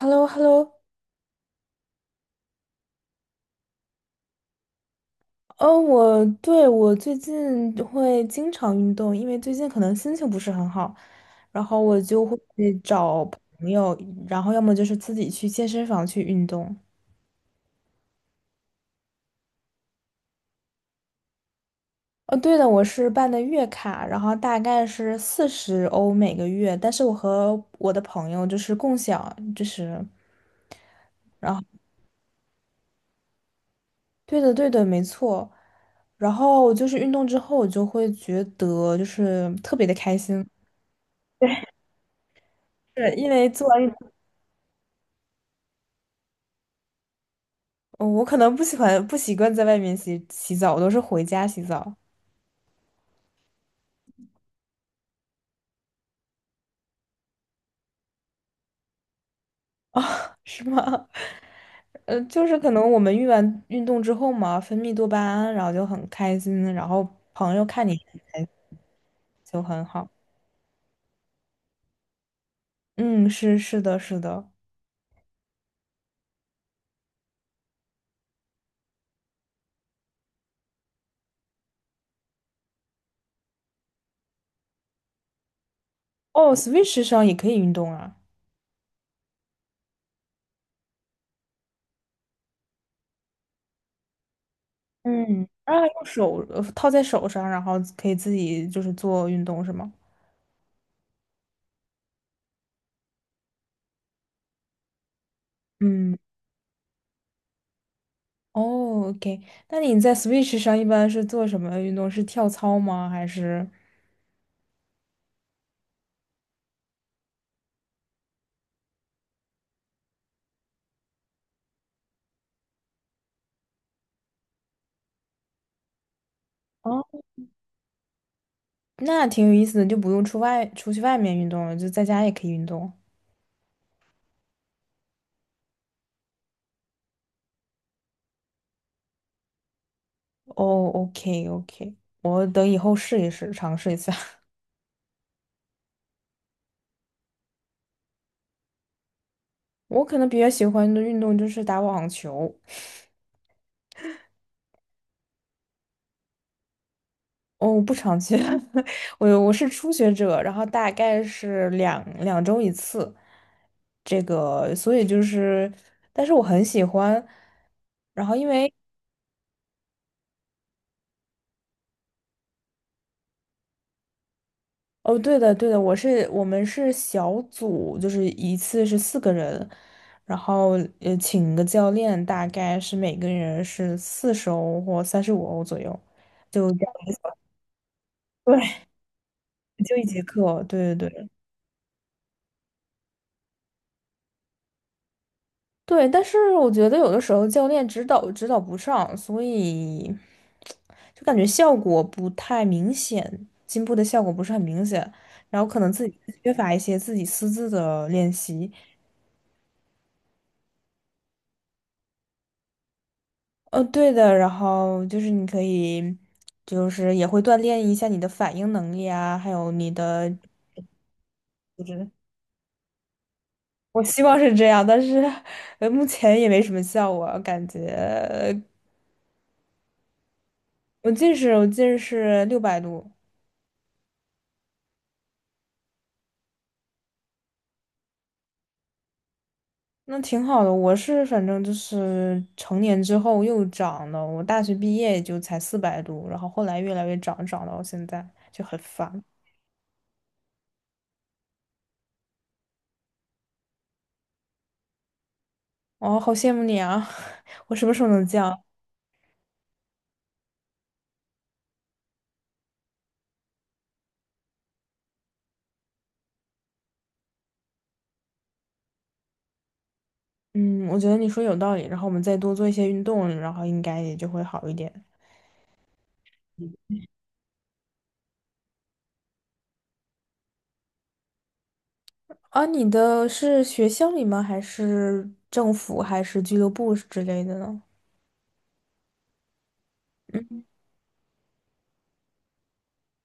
h e l l o h e l l o。 我最近会经常运动，因为最近可能心情不是很好，然后我就会找朋友，然后要么就是自己去健身房去运动。哦，对的，我是办的月卡，然后大概是四十欧每个月，但是我和我的朋友就是共享，就是，然后对的，对的，没错。然后就是运动之后，我就会觉得就是特别的开心，是因为做完运哦我可能不喜欢不习惯在外面洗洗澡，我都是回家洗澡。啊，是吗？就是可能我们运动之后嘛，分泌多巴胺，然后就很开心，然后朋友看你很开心就很好。嗯，是的，是的。哦，Switch 上也可以运动啊。嗯，啊，用手套在手上，然后可以自己就是做运动是吗？嗯，哦，OK。那你在 Switch 上一般是做什么运动？是跳操吗？还是？那挺有意思的，就不用出去外面运动了，就在家也可以运动。哦，OK OK，我等以后试一试，尝试一下。我可能比较喜欢的运动就是打网球。哦，我不常去，我是初学者，然后大概是两周一次，这个，所以就是，但是我很喜欢。然后因为哦，对的，对的，我们是小组，就是一次是四个人，然后请个教练，大概是每个人是四十欧或35欧左右，就这样子 对，就一节课，对对对对。但是我觉得有的时候教练指导不上，所以就感觉效果不太明显，进步的效果不是很明显，然后可能自己缺乏一些自己私自的练习。哦，对的，然后就是你可以，就是也会锻炼一下你的反应能力啊，还有你的，就是我希望是这样，但是目前也没什么效果，感觉我近视，我近视600度，那挺好的。我是反正就是成年之后又长了，我大学毕业也就才400度，然后后来越来越长，长到现在就很烦。哦，好羡慕你啊！我什么时候能降？嗯，我觉得你说有道理，然后我们再多做一些运动，然后应该也就会好一点。啊，你的是学校里吗？还是政府，还是俱乐部之类的呢？嗯，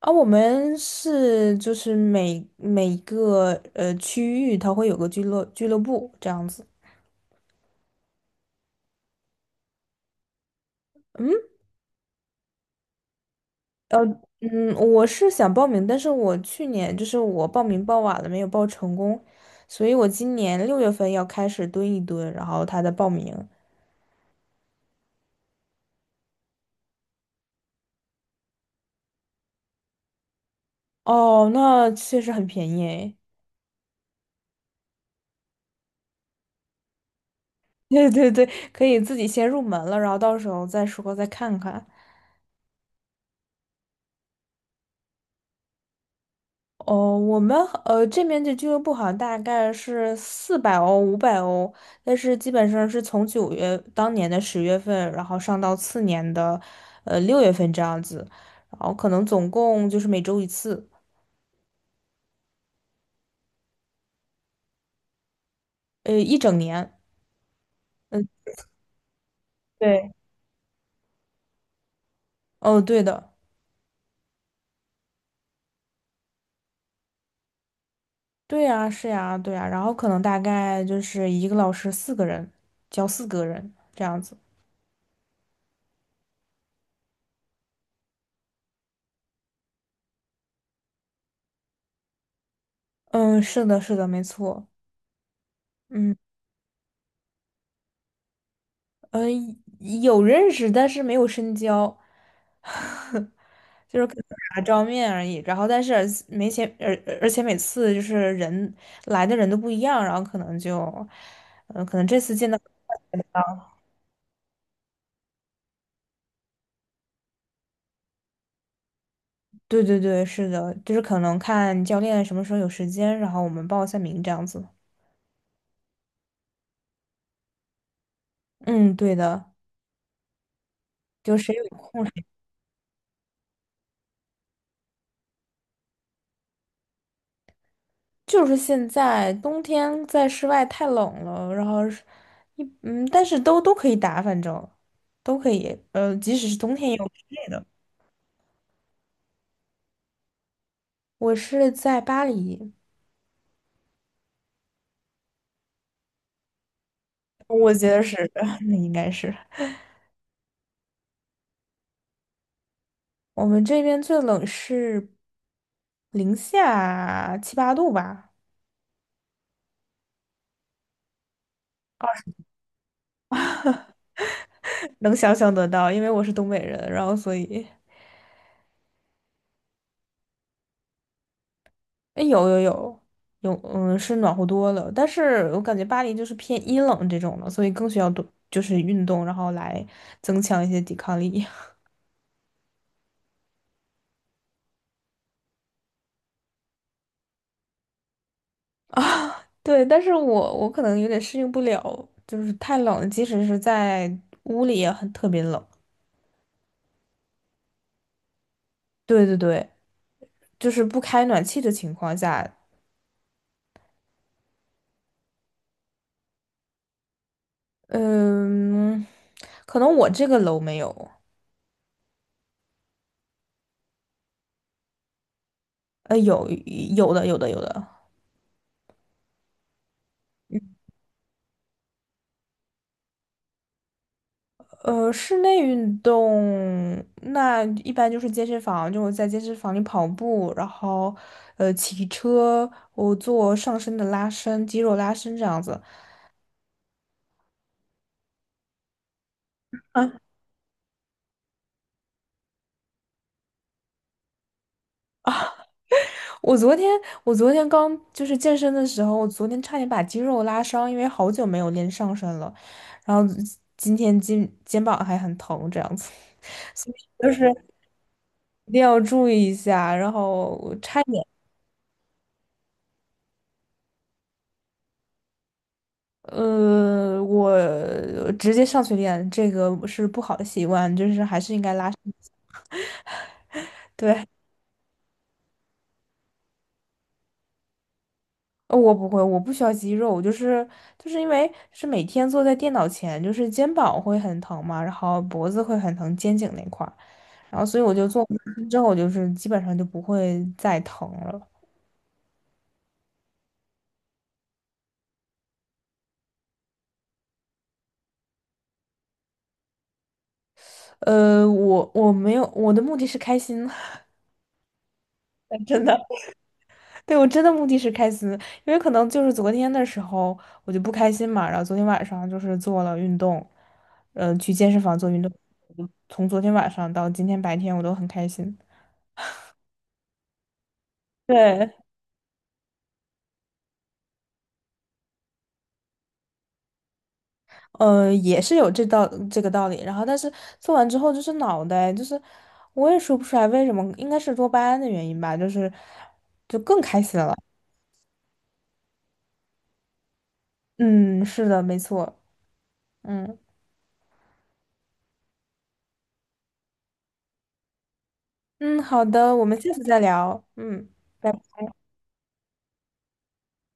啊，我们是就是每一个区域，它会有个俱乐部这样子。呃，嗯，我是想报名，但是我去年就是我报名报晚了，没有报成功，所以我今年六月份要开始蹲一蹲，然后他的报名。哦，那确实很便宜诶。对对对，可以自己先入门了，然后到时候再说再看看。哦，我们这边的俱乐部好像大概是400欧、500欧，但是基本上是从当年的10月份，然后上到次年的六月份这样子，然后可能总共就是每周一次，一整年。嗯，对，哦对的，对呀，是呀，对呀，然后可能大概就是一个老师四个人，教四个人这样子。嗯，是的，是的，没错。嗯，呃，有认识，但是没有深交，就是可能打照面而已。然后，但是而没钱，而且每次就是来的人都不一样，然后可能就，嗯、可能这次见到，啊对对对，是的，就是可能看教练什么时候有时间，然后我们报一下名这样子。嗯，对的，就谁有空就是现在冬天在室外太冷了，然后是一嗯，但是都可以打，反正都可以，即使是冬天也有室内的。我是在巴黎，我觉得是，那应该是我们这边最冷是零下七八度吧，能想象得到，因为我是东北人，然后所以。哎，有有有有，嗯，是暖和多了。但是我感觉巴黎就是偏阴冷这种的，所以更需要多就是运动，然后来增强一些抵抗力 啊。对，但是我可能有点适应不了，就是太冷了即使是在屋里也很特别冷。对对对，就是不开暖气的情况下，嗯，可能我这个楼没有，有有的有的有的，室内运动那一般就是健身房，就我在健身房里跑步，然后骑车，我做上身的拉伸、肌肉拉伸这样子。啊，我昨天我昨天刚就是健身的时候，我昨天差点把肌肉拉伤，因为好久没有练上身了，然后今天肩膀还很疼这样子，所以就是一定要注意一下，然后我差点。我直接上去练，这个是不好的习惯，就是还是应该拉伸一下。我不会，我不需要肌肉，就是因为是每天坐在电脑前，就是肩膀会很疼嘛，然后脖子会很疼，肩颈那块儿，然后所以我就做完之后，我就是基本上就不会再疼了。我没有，我的目的是开心，真的。对，我真的目的是开心，因为可能就是昨天的时候我就不开心嘛，然后昨天晚上就是做了运动，嗯、去健身房做运动，从昨天晚上到今天白天我都很开心。对，也是有这个道理。然后，但是做完之后就是脑袋，就是我也说不出来为什么，应该是多巴胺的原因吧，就是就更开心了。嗯，是的，没错。嗯嗯，好的，我们下次再聊。嗯。拜拜。